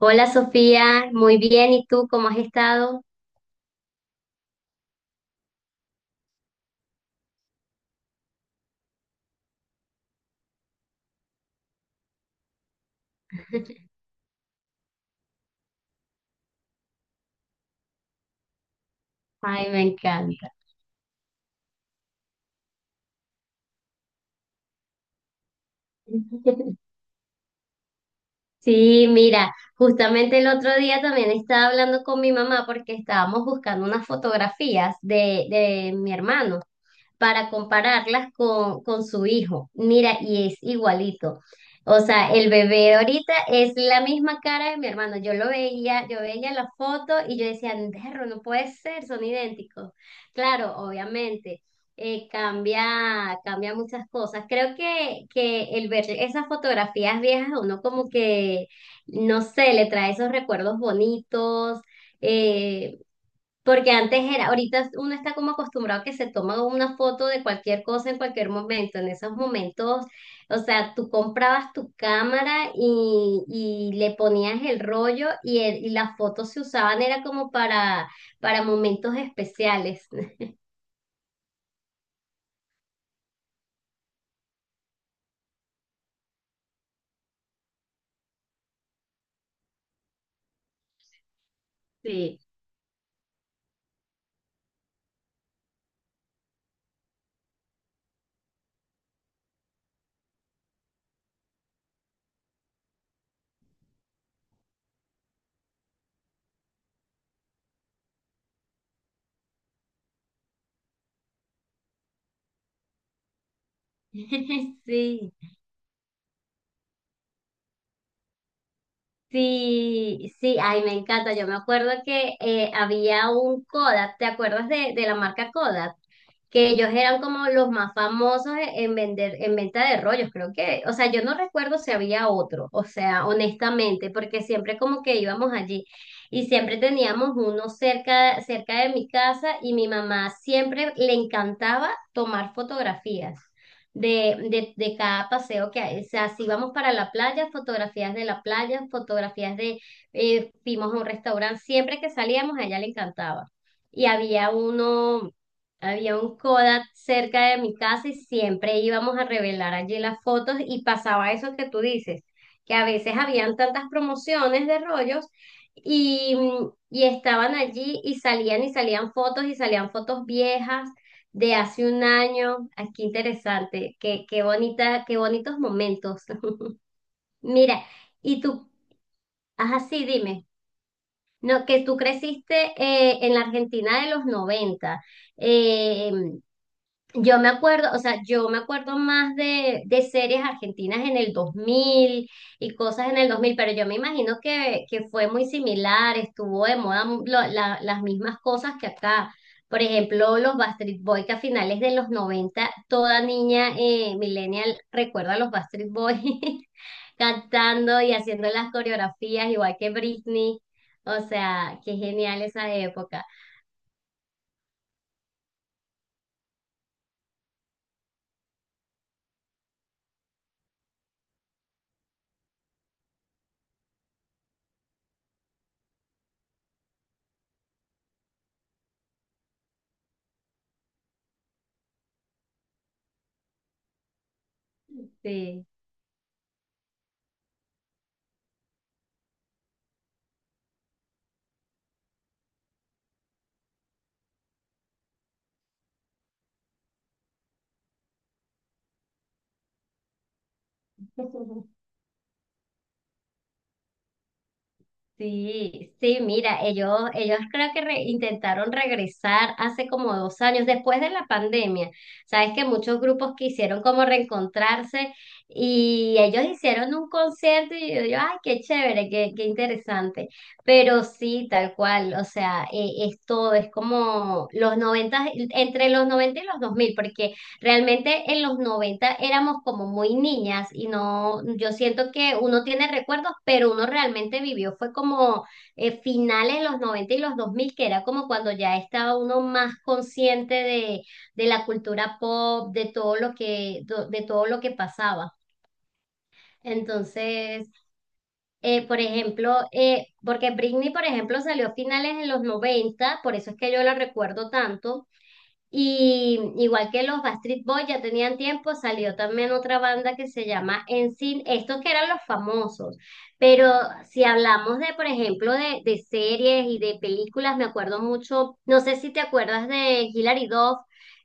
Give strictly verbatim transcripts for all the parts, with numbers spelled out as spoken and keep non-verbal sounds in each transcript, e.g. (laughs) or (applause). Hola Sofía, muy bien, ¿y tú cómo has estado? Ay, me encanta. (laughs) Sí, mira, justamente el otro día también estaba hablando con mi mamá porque estábamos buscando unas fotografías de, de mi hermano. Para compararlas con, con su hijo. Mira, y es igualito. O sea, el bebé de ahorita es la misma cara de mi hermano. Yo lo veía, yo veía la foto y yo decía, perro, no puede ser, son idénticos. Claro, obviamente, eh, cambia, cambia muchas cosas. Creo que, que el ver esas fotografías viejas, a uno como que, no sé, le trae esos recuerdos bonitos. eh, Porque antes era, ahorita uno está como acostumbrado a que se toma una foto de cualquier cosa en cualquier momento. En esos momentos, o sea, tú comprabas tu cámara y, y le ponías el rollo y, el- y las fotos se usaban, era como para, para momentos especiales. (laughs) Sí. (laughs) Sí. Sí, sí, ay, me encanta. Yo me acuerdo que eh, había un Kodak, ¿te acuerdas de, de la marca Kodak? Que ellos eran como los más famosos e- en vender, en venta de rollos, creo que. O sea, yo no recuerdo si había otro, o sea, honestamente, porque siempre como que íbamos allí y siempre teníamos uno cerca, cerca de mi casa y mi mamá siempre le encantaba tomar fotografías de, de, de cada paseo que hay. O sea, si vamos para la playa, fotografías de la playa, fotografías de, eh, fuimos a un restaurante, siempre que salíamos a ella le encantaba. Y había uno, había un Kodak cerca de mi casa y siempre íbamos a revelar allí las fotos y pasaba eso que tú dices, que a veces habían tantas promociones de rollos. Y, y estaban allí y salían y salían fotos y salían fotos viejas de hace un año. Aquí qué interesante, qué, qué bonita, qué bonitos momentos. (laughs) Mira, y tú, ajá, sí, dime, no, que tú creciste eh, en la Argentina de los noventa. eh, yo me acuerdo, o sea, yo me acuerdo más de, de series argentinas en el dos mil y cosas en el dos mil, pero yo me imagino que, que fue muy similar, estuvo de moda mu- lo- la- las mismas cosas que acá. Por ejemplo, los Backstreet Boys que a finales de los noventa, toda niña eh, millennial recuerda a los Backstreet Boys (laughs) cantando y haciendo las coreografías, igual que Britney. O sea, qué genial esa época. Sí. (laughs) Sí, sí, mira, ellos, ellos creo que re- intentaron regresar hace como dos años, después de la pandemia. Sabes que muchos grupos quisieron como reencontrarse y ellos hicieron un concierto y yo, yo, ay, qué chévere, qué, qué interesante. Pero sí, tal cual, o sea, eh, es todo, es como los noventa entre los noventa y los dos mil porque realmente en los noventa éramos como muy niñas y no, yo siento que uno tiene recuerdos, pero uno realmente vivió, fue como eh, finales de los noventa y los dos mil que era como cuando ya estaba uno más consciente de, de la cultura pop, de todo lo que, do- de todo lo que pasaba. Entonces, eh, por ejemplo, eh, porque Britney, por ejemplo, salió a finales de los noventa por eso es que yo la recuerdo tanto y igual que los Backstreet Boys ya tenían tiempo, salió también otra banda que se llama Sin estos que eran los famosos. Pero si hablamos de, por ejemplo, de, de series y de películas, me acuerdo mucho, no sé si te acuerdas de Hilary Duff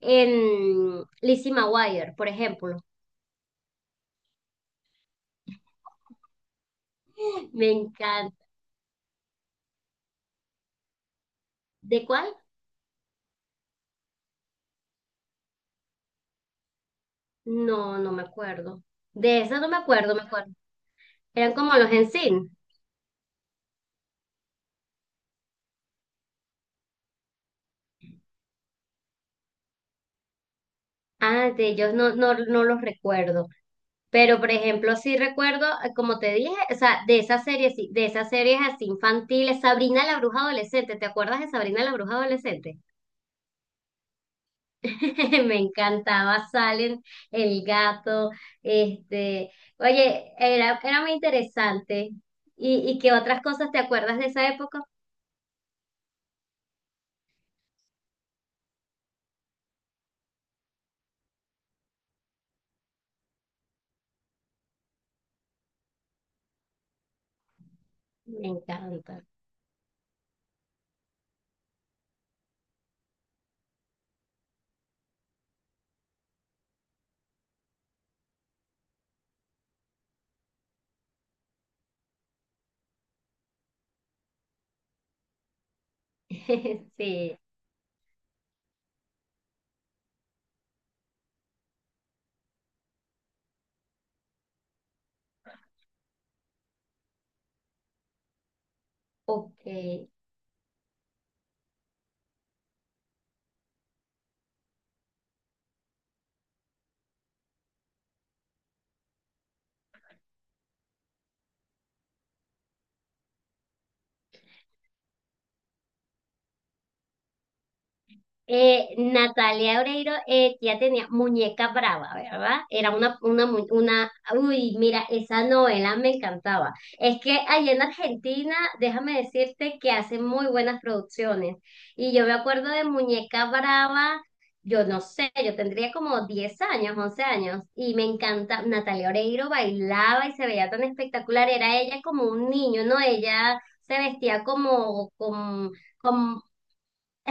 en Lizzie McGuire, por ejemplo. Me encanta. ¿De cuál? No, no me acuerdo. De esa no me acuerdo, me acuerdo. Eran como los Sin. Ah, de ellos no, no, no los recuerdo. Pero, por ejemplo, sí recuerdo, eh, como te dije, o sea, de esas series, sí, de esas series así infantiles, Sabrina la Bruja Adolescente, ¿te acuerdas de Sabrina la Bruja Adolescente? (laughs) Me encantaba Salem, el gato, este, oye, era, era muy interesante. ¿Y, y qué otras cosas te acuerdas de esa época? Me encanta. (laughs) Sí, ok. Eh, Natalia Oreiro eh, ya tenía Muñeca Brava, ¿verdad? Era una, una, mu- una, uy, mira, esa novela me encantaba. Es que allá en Argentina, déjame decirte que hacen muy buenas producciones. Y yo me acuerdo de Muñeca Brava, yo no sé, yo tendría como diez años, once años, y me encanta, Natalia Oreiro bailaba y se veía tan espectacular, era ella como un niño, ¿no? Ella se vestía como, como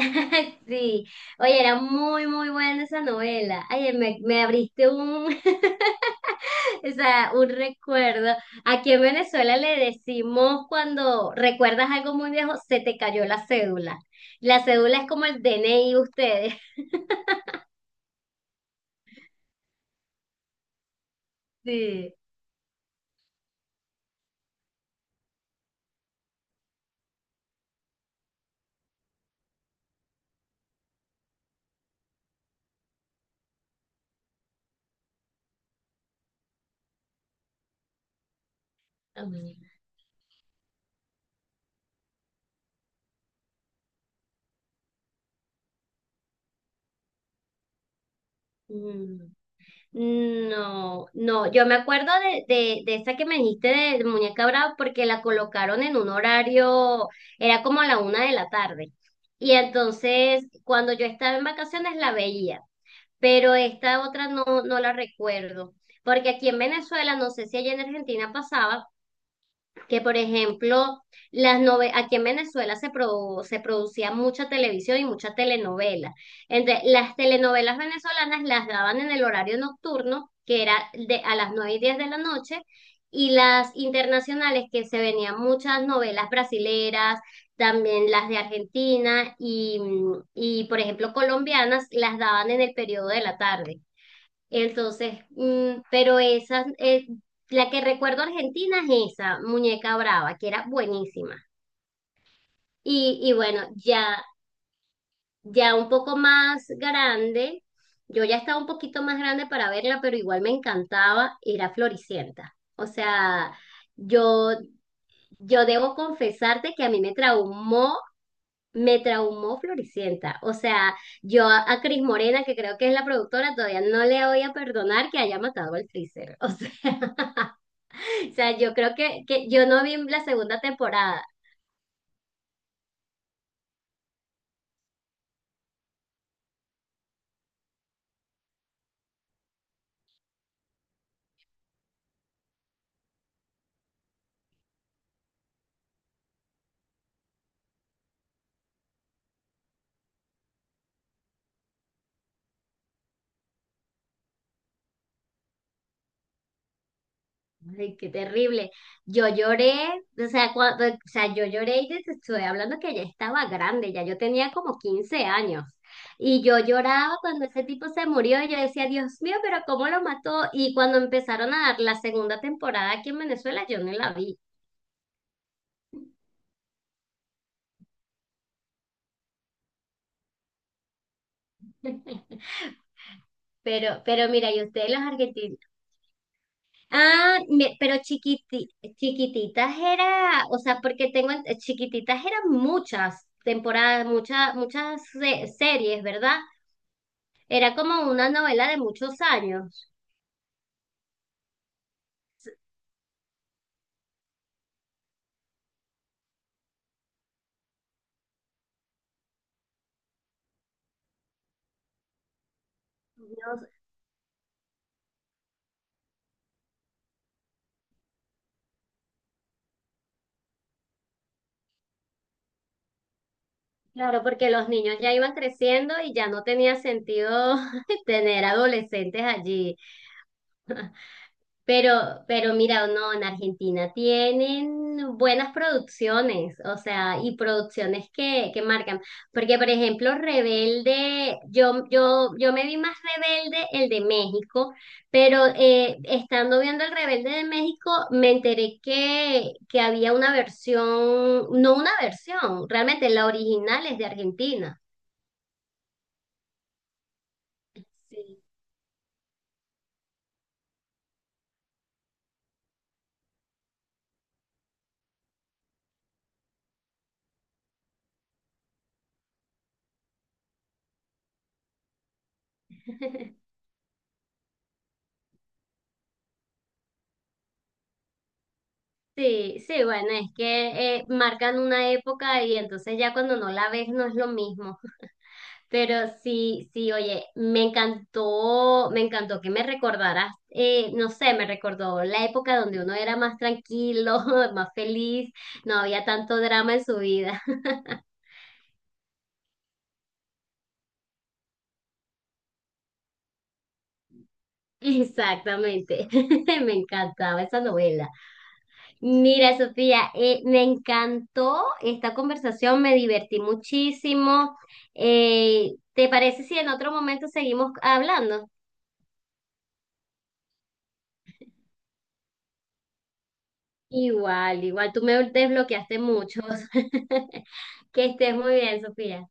(laughs) sí, oye, era muy, muy buena esa novela. Ay, me, me abriste un, (laughs) o sea, un recuerdo. Aquí en Venezuela le decimos cuando recuerdas algo muy viejo, se te cayó la cédula. La cédula es como el D N I de ustedes. (laughs) Sí. Ah, bueno. Mm. No, no, yo me acuerdo de, de, de esa que me dijiste de, de Muñeca Brava porque la colocaron en un horario, era como a la una de la tarde. Y entonces, cuando yo estaba en vacaciones la veía, pero esta otra no, no la recuerdo. Porque aquí en Venezuela, no sé si allá en Argentina pasaba, que por ejemplo, las nove- aquí en Venezuela se, produ- se producía mucha televisión y mucha telenovela. Entonces, las telenovelas venezolanas las daban en el horario nocturno, que era de a las nueve y diez de la noche, y las internacionales, que se venían muchas novelas brasileras, también las de Argentina y, y por ejemplo, colombianas, las daban en el periodo de la tarde. Entonces, mm, pero esa, eh, la que recuerdo argentina es esa, Muñeca Brava, que era buenísima. Y, y bueno, ya, ya un poco más grande, yo ya estaba un poquito más grande para verla, pero igual me encantaba, era Floricienta. O sea, yo, yo debo confesarte que a mí me traumó, me traumó Floricienta. O sea, yo a, a Cris Morena, que creo que es la productora, todavía no le voy a perdonar que haya matado al Freezer. (laughs) O sea. (laughs) O sea, yo creo que, que yo no vi la segunda temporada. Ay, qué terrible. Yo lloré, o sea, cuando, o sea, yo lloré y te estoy hablando que ya estaba grande, ya yo tenía como quince años. Y yo lloraba cuando ese tipo se murió y yo decía, Dios mío, pero ¿cómo lo mató? Y cuando empezaron a dar la segunda temporada aquí en Venezuela, yo no la vi. (laughs) Pero, pero mira, y ustedes los argentinos. Ah, me- pero chiquiti- chiquititas era, o sea, porque tengo ent- chiquititas eran muchas temporadas, muchas, muchas se- series, ¿verdad? Era como una novela de muchos años. Dios, claro, porque los niños ya iban creciendo y ya no tenía sentido (laughs) tener adolescentes allí. Pero, pero mira, no, en Argentina tienen buenas producciones, o sea, y producciones que, que marcan. Porque, por ejemplo, Rebelde, yo, yo, yo me vi más Rebelde el de México, pero eh, estando viendo el Rebelde de México, me enteré que, que había una versión, no una versión, realmente la original es de Argentina. Sí. (laughs) Sí, sí, bueno, es que eh, marcan una época y entonces ya cuando no la ves no es lo mismo. Pero sí, sí, oye, me encantó, me encantó que me recordaras, eh, no sé, me recordó la época donde uno era más tranquilo, (laughs) más feliz, no había tanto drama en su vida. (laughs) Exactamente, (laughs) me encantaba esa novela. Mira, Sofía, eh, me encantó esta conversación, me divertí muchísimo. Eh, ¿te parece si en otro momento seguimos hablando? Igual, igual, tú me desbloqueaste muchos. (laughs) Que estés muy bien, Sofía.